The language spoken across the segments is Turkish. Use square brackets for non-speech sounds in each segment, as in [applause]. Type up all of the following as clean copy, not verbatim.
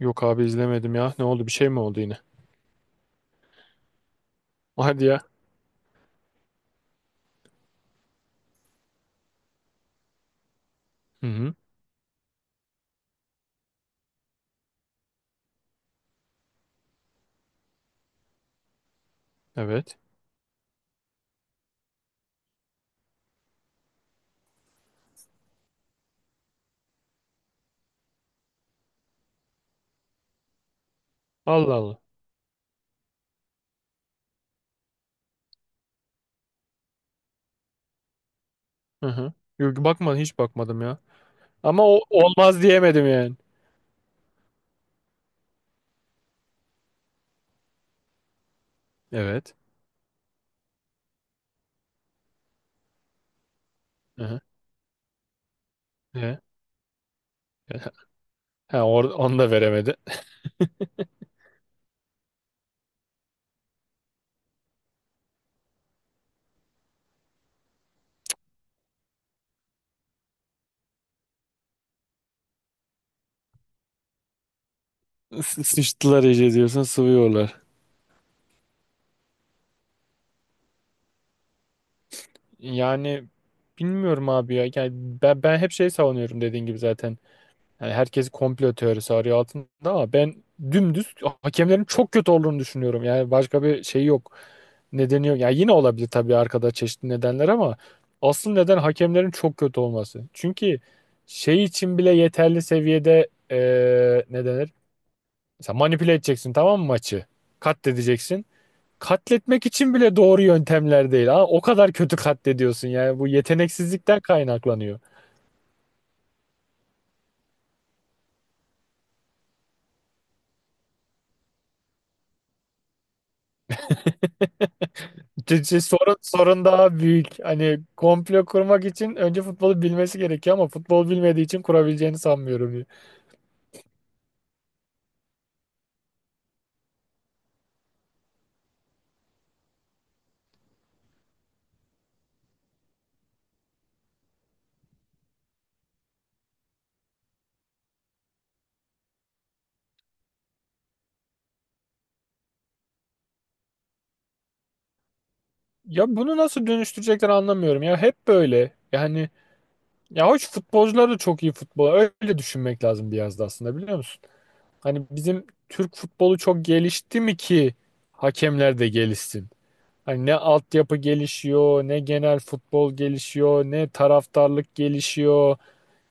Yok abi izlemedim ya. Ne oldu? Bir şey mi oldu yine? [laughs] Hadi ya. Hı hı. Evet. Allah Allah. Hı hı. Yok bakmadım hiç bakmadım ya. Ama o olmaz diyemedim yani. Evet. Hı hı. E? [laughs] Ha, onu da veremedi. [laughs] Sıçtılar iyice diyorsun sıvıyorlar. Yani bilmiyorum abi ya. Yani ben hep şey savunuyorum dediğin gibi zaten. Yani herkes komplo teorisi arıyor altında ama ben dümdüz hakemlerin çok kötü olduğunu düşünüyorum. Yani başka bir şey yok. Nedeni yok. Yani yine olabilir tabii arkada çeşitli nedenler ama asıl neden hakemlerin çok kötü olması. Çünkü şey için bile yeterli seviyede ne denir? Mesela manipüle edeceksin tamam mı maçı? Katledeceksin. Katletmek için bile doğru yöntemler değil. Aa, o kadar kötü katlediyorsun yani bu yeteneksizlikten kaynaklanıyor. Sorun daha büyük. Hani komplo kurmak için önce futbolu bilmesi gerekiyor ama futbol bilmediği için kurabileceğini sanmıyorum. Ya bunu nasıl dönüştürecekler anlamıyorum ya. Hep böyle. Yani ya hoş futbolcular da çok iyi futbol. Öyle düşünmek lazım biraz da aslında biliyor musun? Hani bizim Türk futbolu çok gelişti mi ki hakemler de gelişsin? Hani ne altyapı gelişiyor, ne genel futbol gelişiyor, ne taraftarlık gelişiyor.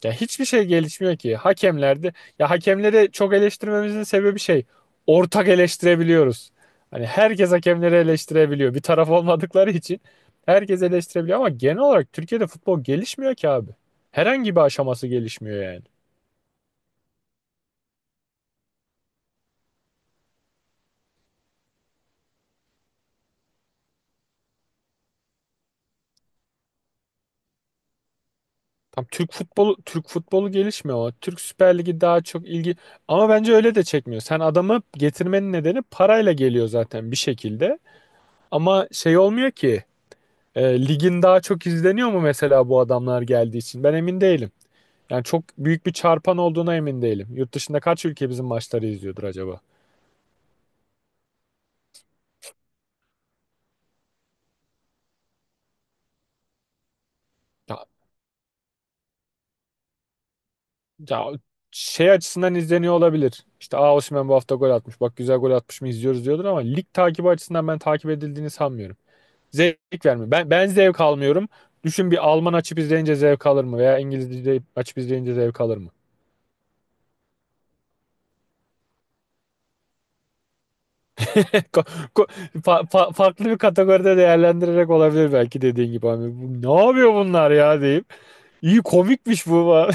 Ya hiçbir şey gelişmiyor ki. Hakemlerde ya hakemleri çok eleştirmemizin sebebi şey. Ortak eleştirebiliyoruz. Hani herkes hakemleri eleştirebiliyor. Bir taraf olmadıkları için herkes eleştirebiliyor ama genel olarak Türkiye'de futbol gelişmiyor ki abi. Herhangi bir aşaması gelişmiyor yani. Tam Türk futbolu gelişmiyor ama Türk Süper Ligi daha çok ilgi ama bence öyle de çekmiyor. Sen adamı getirmenin nedeni parayla geliyor zaten bir şekilde. Ama şey olmuyor ki. E, ligin daha çok izleniyor mu mesela bu adamlar geldiği için? Ben emin değilim. Yani çok büyük bir çarpan olduğuna emin değilim. Yurt dışında kaç ülke bizim maçları izliyordur acaba? Ya, ya şey açısından izleniyor olabilir. İşte Osimhen bu hafta gol atmış. Bak güzel gol atmış mı izliyoruz diyordur ama lig takibi açısından ben takip edildiğini sanmıyorum. Zevk vermiyor. Ben zevk almıyorum. Düşün bir Alman açıp izleyince zevk alır mı? Veya İngiliz açıp izleyince zevk alır mı? Ko- ko- farklı bir kategoride değerlendirerek olabilir belki dediğin gibi abi. Bu, ne yapıyor bunlar ya deyip. İyi komikmiş bu. [laughs] falan.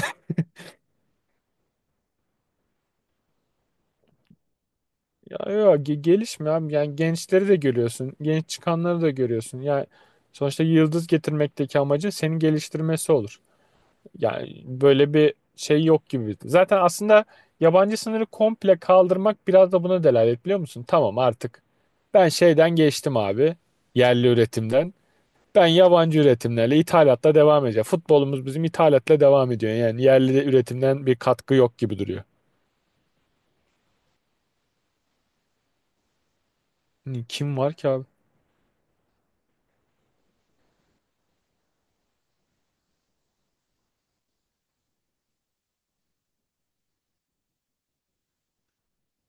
Ya, ya gelişme abi. Yani gençleri de görüyorsun. Genç çıkanları da görüyorsun. Yani sonuçta yıldız getirmekteki amacı senin geliştirmesi olur. Yani böyle bir şey yok gibi. Zaten aslında yabancı sınırı komple kaldırmak biraz da buna delalet biliyor musun? Tamam artık ben şeyden geçtim abi. Yerli üretimden. Ben yabancı üretimlerle, ithalatla devam edeceğim. Futbolumuz bizim ithalatla devam ediyor. Yani yerli de üretimden bir katkı yok gibi duruyor. Hani kim var ki abi?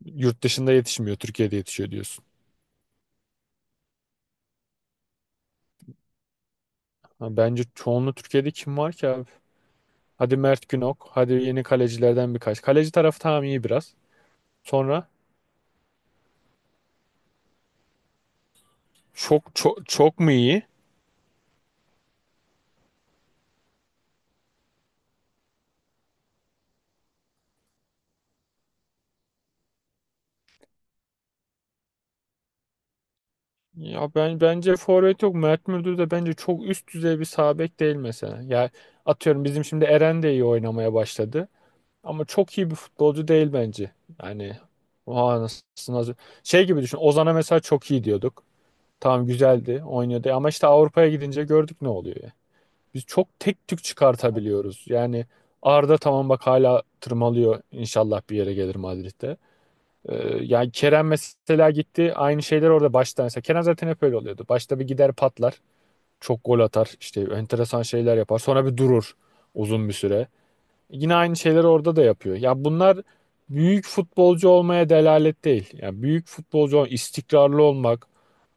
Yurt dışında yetişmiyor, Türkiye'de yetişiyor diyorsun. Ha, bence çoğunluğu Türkiye'de kim var ki abi? Hadi Mert Günok, hadi yeni kalecilerden birkaç. Kaleci tarafı tamam iyi biraz. Sonra çok çok çok mu iyi? Ya ben bence forvet yok. Mert Müldür de bence çok üst düzey bir sağ bek değil mesela. Ya atıyorum bizim şimdi Eren de iyi oynamaya başladı. Ama çok iyi bir futbolcu değil bence. Yani oha nasıl nasıl. Şey gibi düşün. Ozan'a mesela çok iyi diyorduk. Tamam güzeldi, oynuyordu ama işte Avrupa'ya gidince gördük ne oluyor ya. Biz çok tek tük çıkartabiliyoruz. Yani Arda tamam bak hala tırmalıyor. İnşallah bir yere gelir Madrid'de. Ee, yani Kerem mesela gitti. Aynı şeyler orada başta mesela. Kerem zaten hep öyle oluyordu. Başta bir gider patlar. Çok gol atar. İşte enteresan şeyler yapar. Sonra bir durur uzun bir süre. Yine aynı şeyleri orada da yapıyor. Ya bunlar büyük futbolcu olmaya delalet değil. Yani büyük futbolcu olmak, istikrarlı olmak.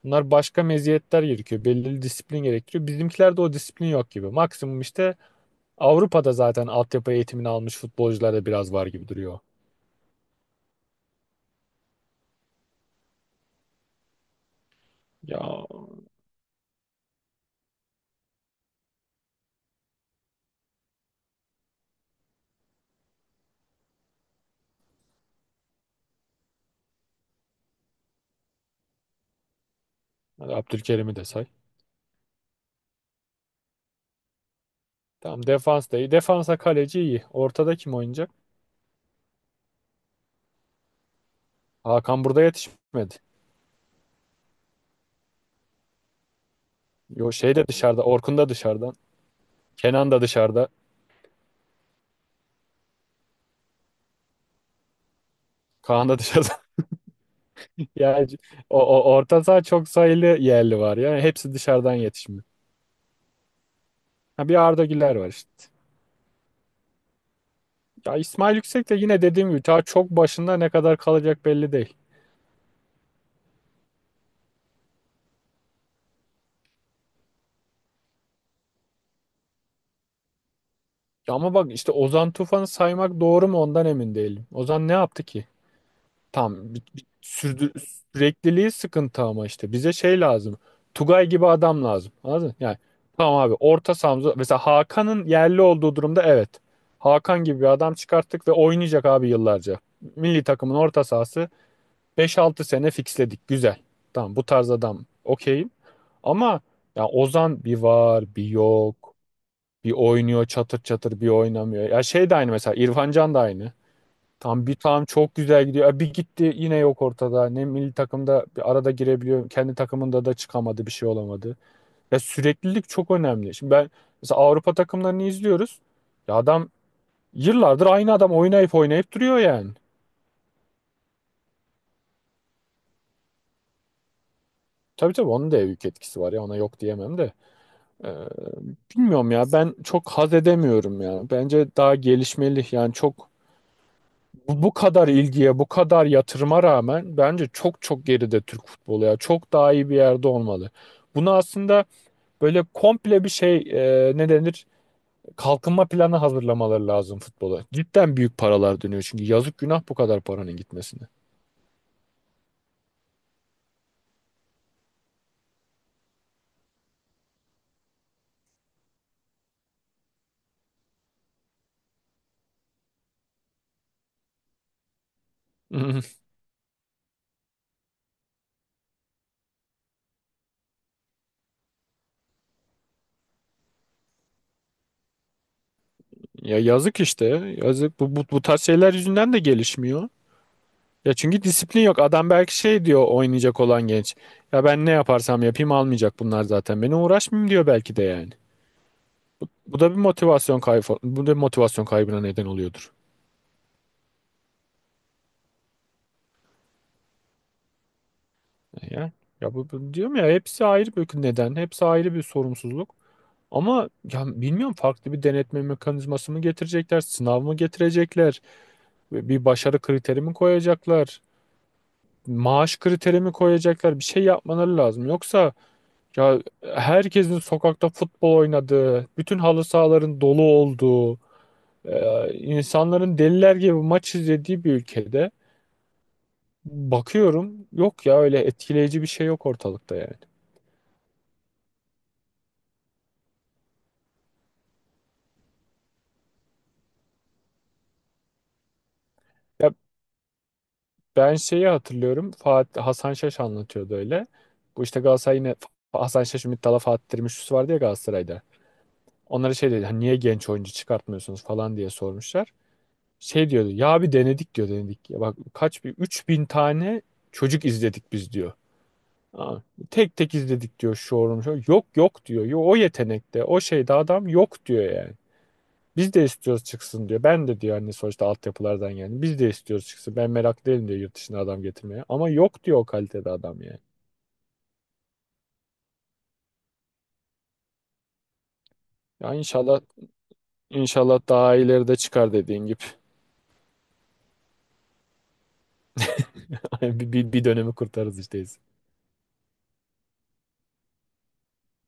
Bunlar başka meziyetler gerekiyor. Belirli disiplin gerektiriyor. Bizimkilerde o disiplin yok gibi. Maksimum işte Avrupa'da zaten altyapı eğitimini almış futbolcularda biraz var gibi duruyor. Ya hadi Abdülkerim'i de say. Tamam defans da iyi. Defansa kaleci iyi. Ortada kim oynayacak? Hakan burada yetişmedi. Yo şey de dışarıda. Orkun da dışarıda. Kenan da dışarıda. Kaan da dışarıda. Yani o orta saha çok sayılı yerli var ya. Hepsi dışarıdan yetişme. Ha, bir Arda Güler var işte. Ya İsmail Yüksek de yine dediğim gibi ta çok başında ne kadar kalacak belli değil. Ya ama bak işte Ozan Tufan'ı saymak doğru mu ondan emin değilim. Ozan ne yaptı ki? Tam bir sürekliliği sıkıntı ama işte bize şey lazım. Tugay gibi adam lazım. Anladın mı? Yani tamam abi orta sahamıza mesela Hakan'ın yerli olduğu durumda evet. Hakan gibi bir adam çıkarttık ve oynayacak abi yıllarca. Milli takımın orta sahası 5-6 sene fixledik. Güzel. Tamam bu tarz adam okeyim. Ama ya Ozan bir var bir yok. Bir oynuyor çatır çatır bir oynamıyor. Ya şey de aynı mesela İrfan Can da aynı. Tam bir tam çok güzel gidiyor. E, bir gitti yine yok ortada. Ne milli takımda bir arada girebiliyor. Kendi takımında da çıkamadı. Bir şey olamadı. Ya süreklilik çok önemli. Şimdi ben mesela Avrupa takımlarını izliyoruz. Ya adam yıllardır aynı adam oynayıp oynayıp duruyor yani. Tabii tabii onun da büyük etkisi var ya ona yok diyemem de. Ee, bilmiyorum ya ben çok haz edemiyorum ya. Bence daha gelişmeli yani çok. Bu kadar ilgiye, bu kadar yatırıma rağmen bence çok çok geride Türk futbolu ya. Çok daha iyi bir yerde olmalı. Bunu aslında böyle komple bir şey ne denir? Kalkınma planı hazırlamaları lazım futbola. Cidden büyük paralar dönüyor çünkü yazık günah bu kadar paranın gitmesine. [laughs] Ya yazık işte. Yazık bu tarz şeyler yüzünden de gelişmiyor. Ya çünkü disiplin yok. Adam belki şey diyor oynayacak olan genç. Ya ben ne yaparsam yapayım almayacak bunlar zaten. Beni uğraşmayayım diyor belki de yani. Bu da bir motivasyon kaybı, bu da bir motivasyon kaybına neden oluyordur. Ya, ya bu diyorum ya hepsi ayrı bir neden, hepsi ayrı bir sorumsuzluk. Ama ya bilmiyorum farklı bir denetme mekanizması mı getirecekler, sınav mı getirecekler, bir başarı kriteri mi koyacaklar, maaş kriteri mi koyacaklar, bir şey yapmaları lazım. Yoksa ya herkesin sokakta futbol oynadığı, bütün halı sahaların dolu olduğu, e, insanların deliler gibi maç izlediği bir ülkede. Bakıyorum yok ya öyle etkileyici bir şey yok ortalıkta yani. Ya ben şeyi hatırlıyorum Hasan Şaş anlatıyordu öyle. Bu işte Galatasaray yine Hasan Şaş, Ümit Dala, Fatih Terim üçlüsü vardı ya Galatasaray'da. Onlara şey dedi hani niye genç oyuncu çıkartmıyorsunuz falan diye sormuşlar. Şey diyordu ya bir denedik diyor denedik. Ya bak bir 3.000 tane çocuk izledik biz diyor. Aa, tek tek izledik diyor şu orum. Yok yok diyor. Yo, o yetenekte o şeyde adam yok diyor yani. Biz de istiyoruz çıksın diyor. Ben de diyor hani sonuçta altyapılardan yani. Biz de istiyoruz çıksın. Ben merak değilim diyor yurt dışına adam getirmeye. Ama yok diyor o kalitede adam yani. Ya inşallah inşallah daha ileride çıkar dediğin gibi. [laughs] Bir dönemi kurtarız işte